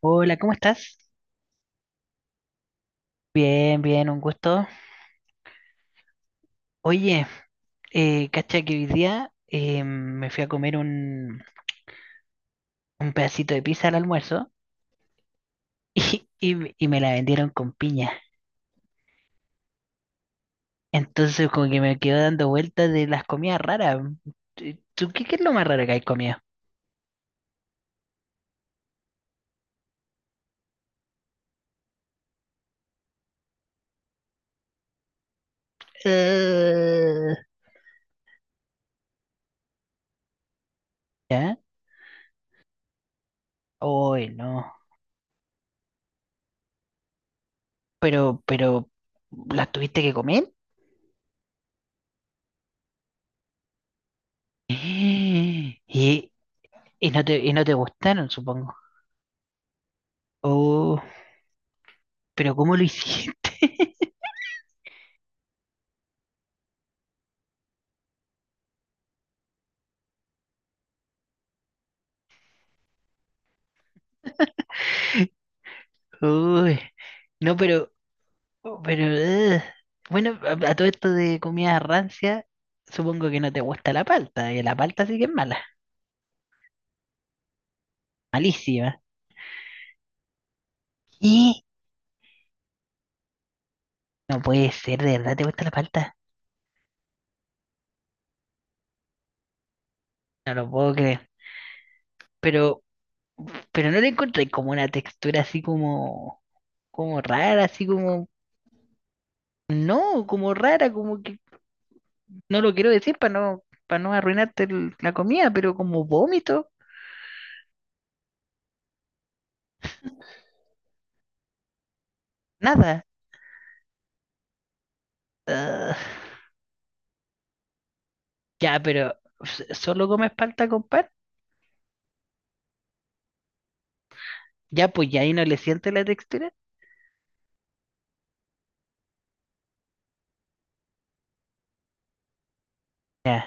Hola, ¿cómo estás? Bien, bien, un gusto. Oye, cacha que hoy día me fui a comer un pedacito de pizza al almuerzo y me la vendieron con piña. Entonces como que me quedo dando vueltas de las comidas raras. ¿Tú tú qué es lo más raro que hay comido? Eh, ¿Ya? Hoy no. Pero, pero, ¿Las tuviste que comer? Eh, Y, y y no te gustaron, supongo. Oh, pero ¿cómo lo hiciste? Uy, no, ugh. Bueno, a todo esto de comida rancia, supongo que no te gusta la palta, que la palta sí que es mala, malísima. Y no puede ser, ¿de verdad te gusta la palta? No lo puedo creer. Pero, pero no le encontré como una textura así como rara, así como, no, como rara, como que, no lo quiero decir para no arruinarte la comida, pero como vómito, nada. Ya, pero ¿solo comes palta con pan? Ya, pues ya ahí no le siente la textura. Ya,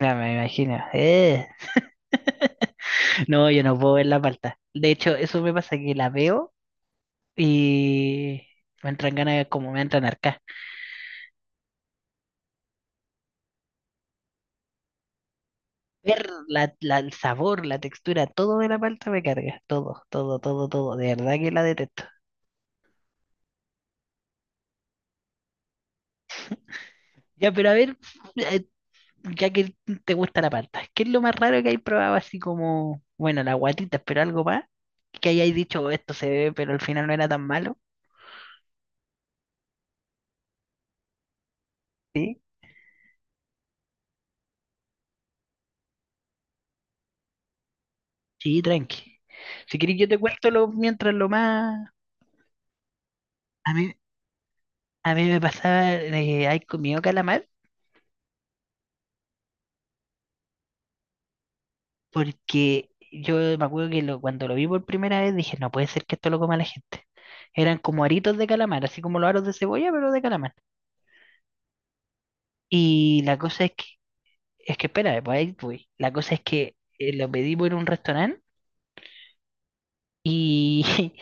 ya me imagino. No, yo no puedo ver la palta. De hecho, eso me pasa que la veo y me entran como me entran arcas. Ver el sabor, la textura, todo de la palta me carga. Todo, todo, todo, todo. De verdad que la detesto. Ya, pero a ver, ya que te gusta la palta, ¿qué es lo más raro que hay probado así como, bueno, las guatitas, pero algo más? Que hayáis dicho, "Oh, esto se ve, pero al final no era tan malo". Sí, sí, tranqui. Si queréis, yo te cuento lo, mientras lo más. A mí, a mí me pasaba de haber comido calamar, porque yo me acuerdo que cuando lo vi por primera vez dije, no puede ser que esto lo coma la gente. Eran como aritos de calamar, así como los aros de cebolla, pero de calamar. Y la cosa es que espérame, pues ahí voy. La cosa es que lo pedimos en un restaurante y,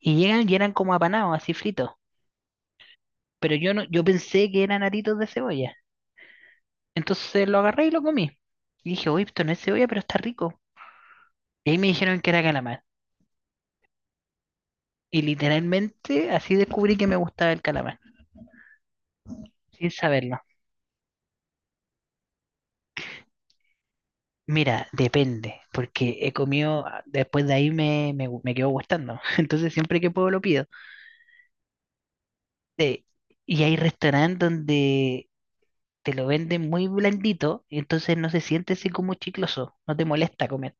y llegan y eran como apanados, así fritos. Pero yo no, yo pensé que eran aritos de cebolla. Entonces lo agarré y lo comí. Y dije, uy, esto no es cebolla, pero está rico. Y ahí me dijeron que era calamar. Y literalmente así descubrí que me gustaba el calamar, sin saberlo. Mira, depende, porque he comido, después de ahí me quedó gustando. Entonces siempre que puedo lo pido. Eh, y hay restaurantes donde te lo venden muy blandito y entonces no se siente así como chicloso, no te molesta comer.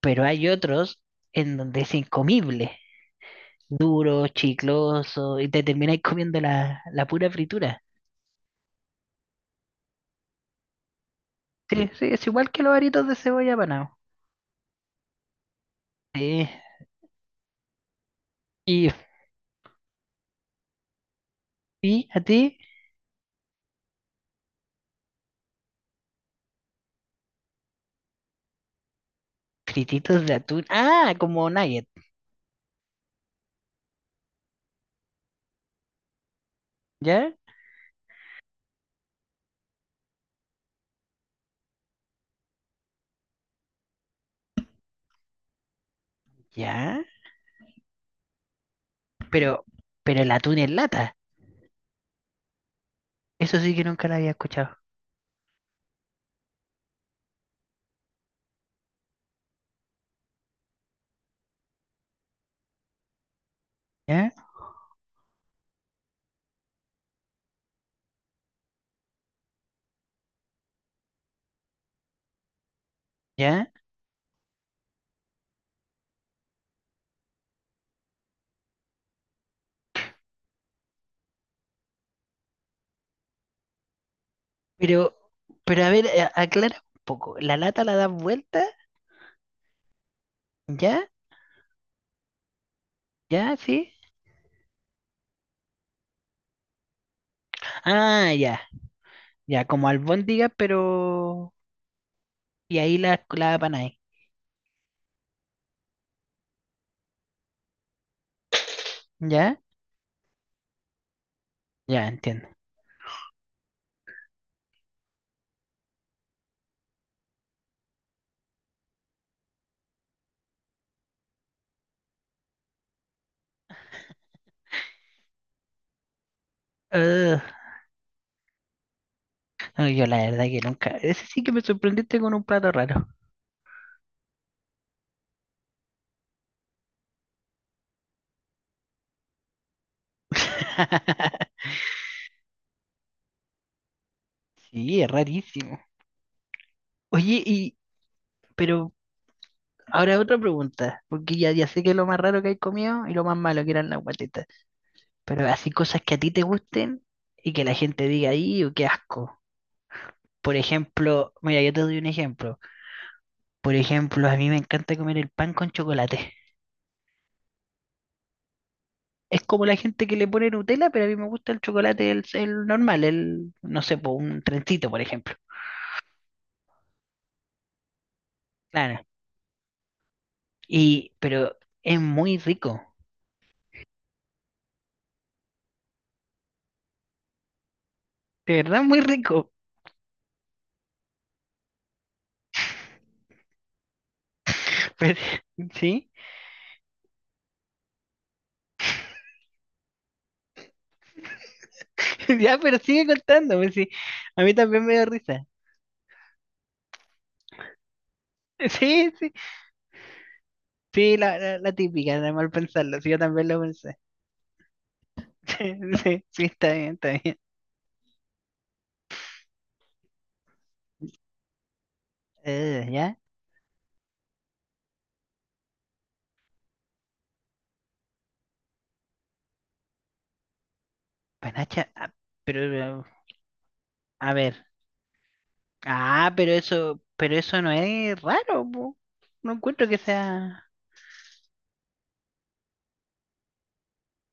Pero hay otros en donde es incomible, duro, chicloso y te termináis comiendo la pura fritura. Sí, sí, es igual que los aritos de cebolla apanado. Sí. Y, y a ti, frititos de atún. Ah, como nugget, ¿ya? ¿Ya? Pero, pero el atún en lata. Eso sí que nunca lo había escuchado. ¿Ya? ¿Ya? Pero, pero a ver, aclara un poco. ¿La lata la das vuelta? ¿Ya? ¿Ya? ¿Sí? Ah, ya, ya, como albóndiga, pero... Y ahí la ahí. ¿Ya? Ya, entiendo. Ugh, no, yo la verdad que nunca... Ese sí que me sorprendiste con un plato raro. Sí, es rarísimo. Oye, y... Pero ahora otra pregunta, porque ya, ya sé que lo más raro que hay comido y lo más malo que eran las guatetas. Pero así cosas que a ti te gusten y que la gente diga ahí, o qué asco. Por ejemplo, mira, yo te doy un ejemplo. Por ejemplo, a mí me encanta comer el pan con chocolate. Es como la gente que le pone Nutella, pero a mí me gusta el chocolate, el normal, el, no sé, po, un trencito, por ejemplo. Claro. Pero es muy rico. De verdad, muy rico. Pero- sí. Ya, pero sigue contando, pues sí. A mí también me da risa. Sí, sí. Sí, la típica, de mal pensarlo. Sí, yo también lo pensé. Sí, sí, sí, está bien, está bien. ¿Ya? Panacha, pero, a ver. Ah, pero eso no es raro, po. No encuentro que sea.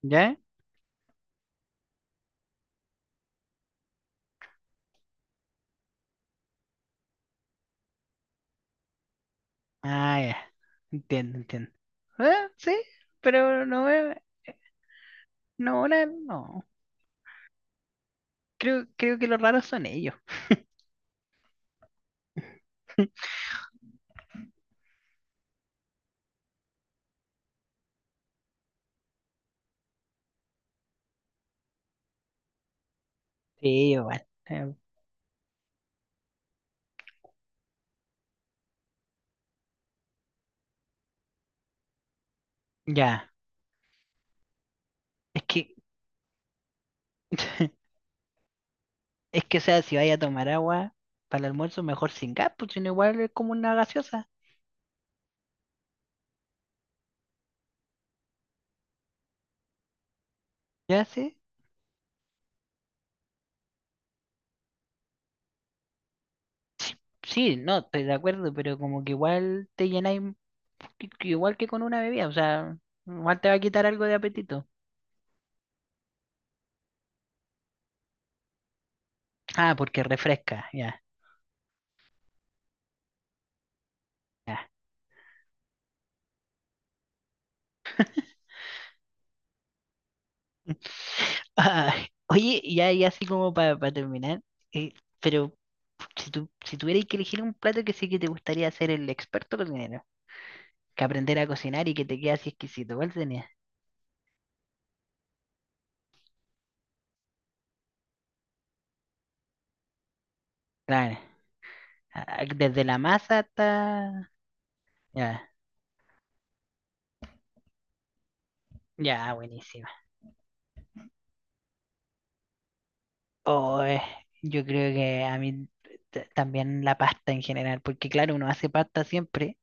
¿Ya? Ah, ya. Entiendo, entiendo. Ah, sí, pero no es. No, ahora no. Creo que los raros son ellos. Sí, igual. Ya. Es que, es que, o sea, si vaya a tomar agua para el almuerzo, mejor sin gas, pues sino igual es como una gaseosa. ¿Ya sí? Sí, no, estoy de acuerdo, pero como que igual te llenáis un poquito, igual que con una bebida, o sea, igual te va a quitar algo de apetito. Ah, porque refresca, ya. Ya. Ah, oye, ya, ya así como para terminar, eh, pero si tuvieras que elegir un plato que sí que te gustaría ser el experto cocinero, que aprender a cocinar y que te quede así exquisito, ¿cuál sería? Claro, desde la masa hasta... Ya, ya, buenísima. Oh, yo creo que a mí también la pasta en general, porque claro, uno hace pasta siempre.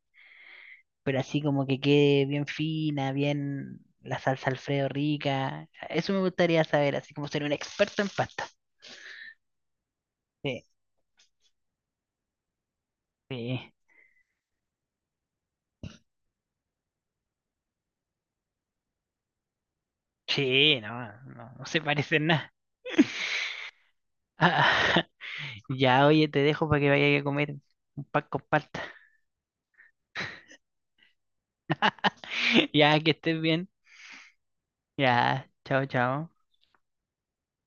Pero así como que quede bien fina, bien la salsa Alfredo rica. Eso me gustaría saber, así como ser un experto en pasta. Sí, sí, sí, no, no, no se parece en nada. Ya, oye, te dejo para que vayas a comer un pan con palta. Ya, que estés bien. Ya, chao, chao.